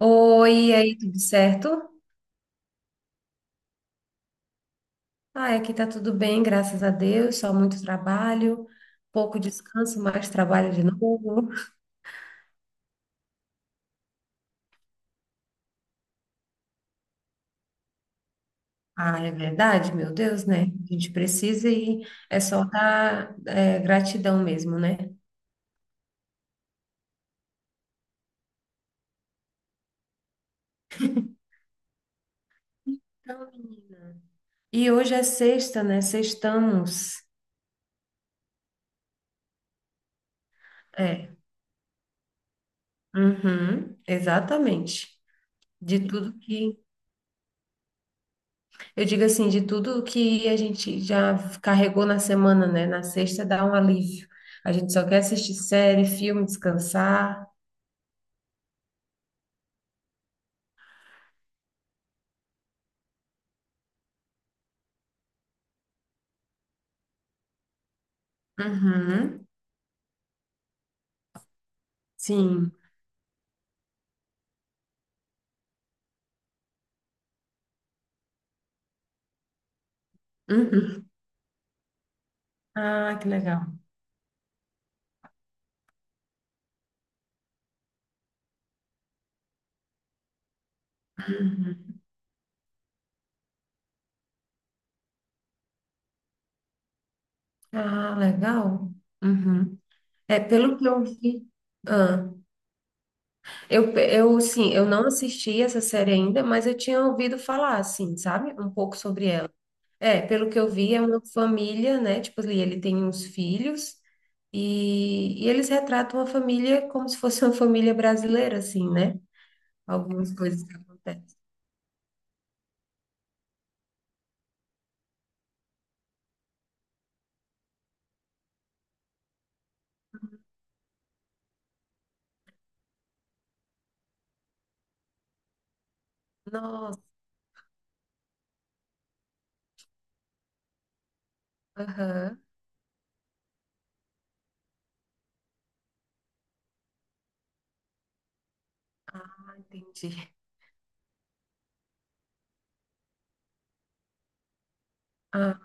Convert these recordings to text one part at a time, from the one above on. Oi, e aí, tudo certo? Ah, aqui tá tudo bem, graças a Deus, só muito trabalho, pouco descanso, mais trabalho de novo. Ah, é verdade, meu Deus, né? A gente precisa e é só dar gratidão mesmo, né? Então, menina. E hoje é sexta, né? Sextamos. É, uhum, exatamente. De tudo que. Eu digo assim, de tudo que a gente já carregou na semana, né? Na sexta dá um alívio. A gente só quer assistir série, filme, descansar. Uhum, sim. Uhum. Ah, que legal. Ah, legal. Uhum. É, pelo que eu vi. Ah, eu, sim, eu não assisti essa série ainda, mas eu tinha ouvido falar, assim, sabe? Um pouco sobre ela. É, pelo que eu vi, é uma família, né? Tipo, ali ele tem uns filhos e eles retratam a família como se fosse uma família brasileira, assim, né? Algumas coisas que acontecem. Nossa, aham, ah, entendi. Ah,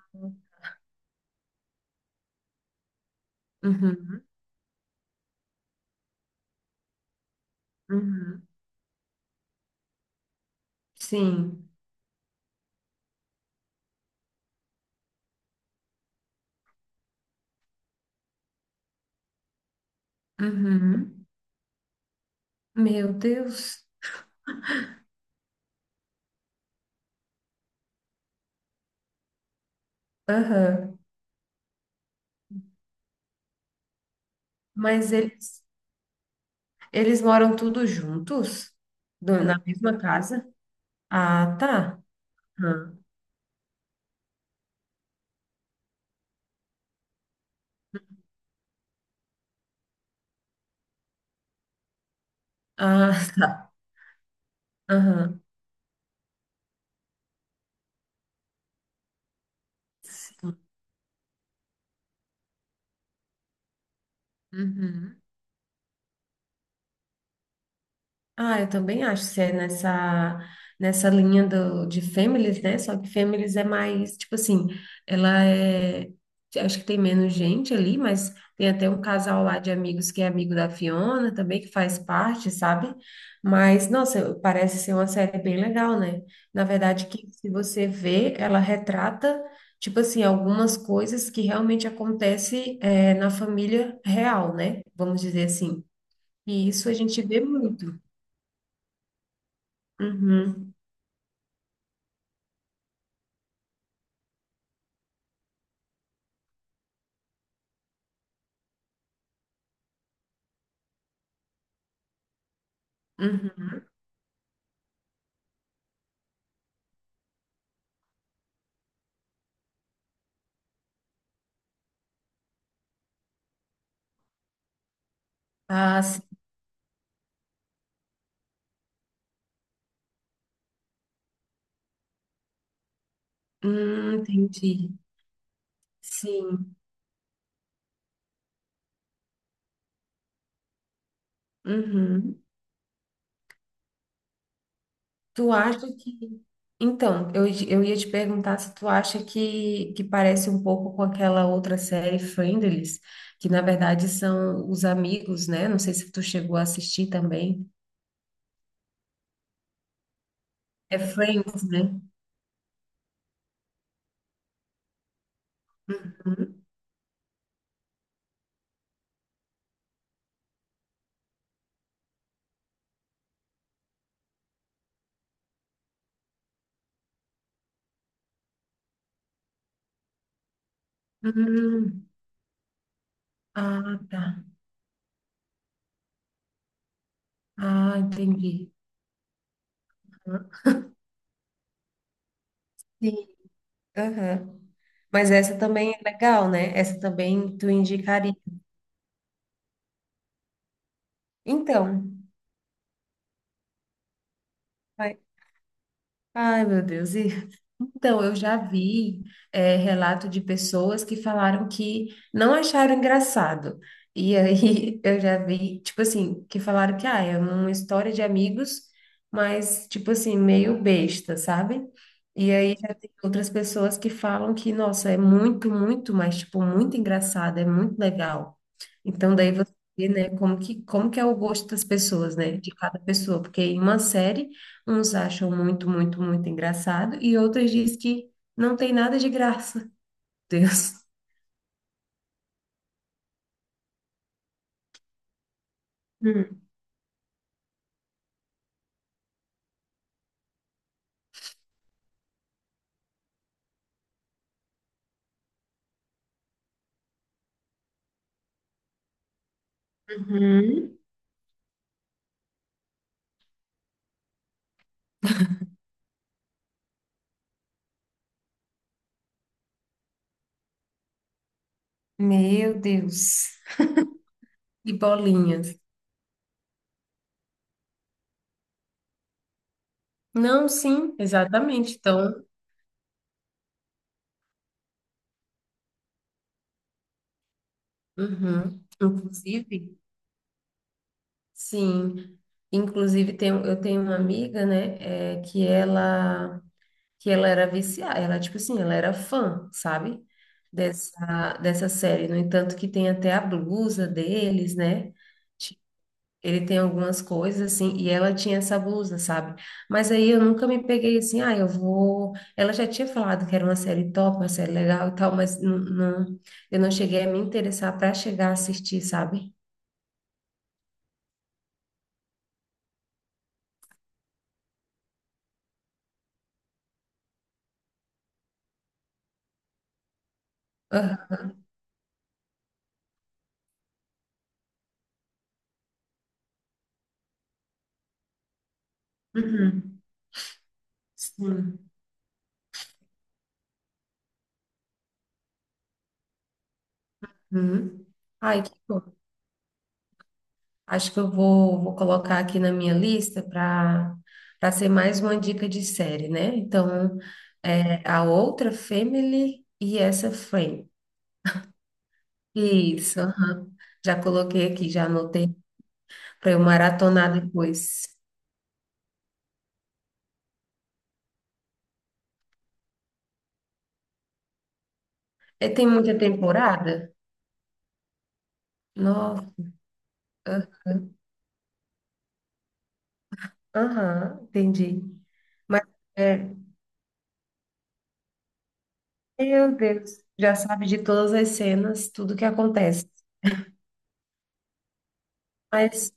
uhum, uhum, sim, uhum. Meu Deus, aham. Mas eles moram tudo juntos? Do- na mesma casa? Ah, tá. Aham. Ah, tá. Aham. Sim. Uhum. Ah, eu também acho que é nessa, nessa linha do, de Families, né? Só que Families é mais, tipo assim, ela é. Acho que tem menos gente ali, mas tem até um casal lá de amigos que é amigo da Fiona também, que faz parte, sabe? Mas, nossa, parece ser uma série bem legal, né? Na verdade, que se você vê, ela retrata, tipo assim, algumas coisas que realmente acontecem, na família real, né? Vamos dizer assim. E isso a gente vê muito. Uhum, uhum. Ah, sim. Entendi. Sim. Uhum. Tu acha que. Então, eu ia te perguntar se tu acha que parece um pouco com aquela outra série Friendlies, que na verdade são os amigos, né? Não sei se tu chegou a assistir também. É Friends, né? Uhum. Hum. Ah, tá. Ah, entendi. Aham. Sim. Aham. Mas essa também é legal, né? Essa também tu indicaria. Então. Ai, meu Deus. E, então, eu já vi relato de pessoas que falaram que não acharam engraçado. E aí eu já vi, tipo assim, que falaram que ah, é uma história de amigos, mas, tipo assim, meio besta, sabe? E aí já tem outras pessoas que falam que, nossa, é muito, muito, mas, tipo, muito engraçado, é muito legal. Então, daí você vê, né, como que é o gosto das pessoas, né, de cada pessoa, porque em uma série. Uns acham muito, muito, muito engraçado e outros dizem que não tem nada de graça. Deus. Hum. Uhum. Meu Deus. E bolinhas. Não, sim, exatamente. Então, uhum. Inclusive, sim. Inclusive, tem, eu tenho uma amiga, né, que ela era viciada, ela, tipo assim, ela era fã, sabe? Dessa série. No entanto, que tem até a blusa deles, né? Ele tem algumas coisas assim, e ela tinha essa blusa, sabe? Mas aí eu nunca me peguei assim, ah, eu vou. Ela já tinha falado que era uma série top, uma série legal e tal, mas não, eu não cheguei a me interessar para chegar a assistir, sabe? Aham. Uhum. Sim. Uhum. Ai, que bom. Acho que eu vou, vou colocar aqui na minha lista para para ser mais uma dica de série, né? Então, é, a outra, Family, e essa, Friends. Isso, aham. Já coloquei aqui, já anotei para eu maratonar depois. É, tem muita temporada? Nossa, aham, aham, entendi. Mas, é, meu Deus, já sabe de todas as cenas, tudo que acontece. Mas,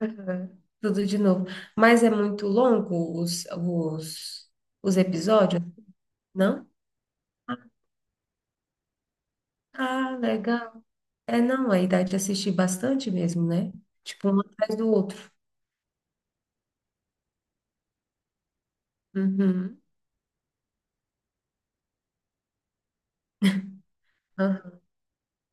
aham, tudo de novo. Mas é muito longo os, os episódios, não? Ah, legal. É, não, aí dá de assistir bastante mesmo, né? Tipo, um atrás do outro. Uhum.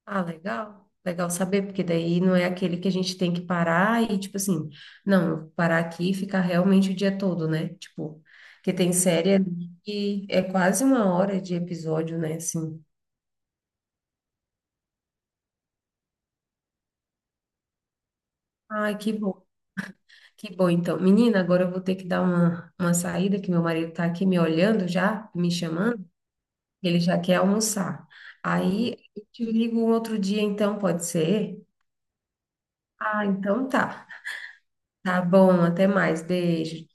Ah, legal. Legal saber, porque daí não é aquele que a gente tem que parar e, tipo assim, não, eu vou parar aqui e ficar realmente o dia todo, né? Tipo, que tem série ali que é quase uma hora de episódio, né? Assim. Ai, que bom então. Menina, agora eu vou ter que dar uma saída, que meu marido tá aqui me olhando já, me chamando, ele já quer almoçar. Aí eu te ligo um outro dia, então, pode ser? Ah, então tá. Tá bom, até mais. Beijo.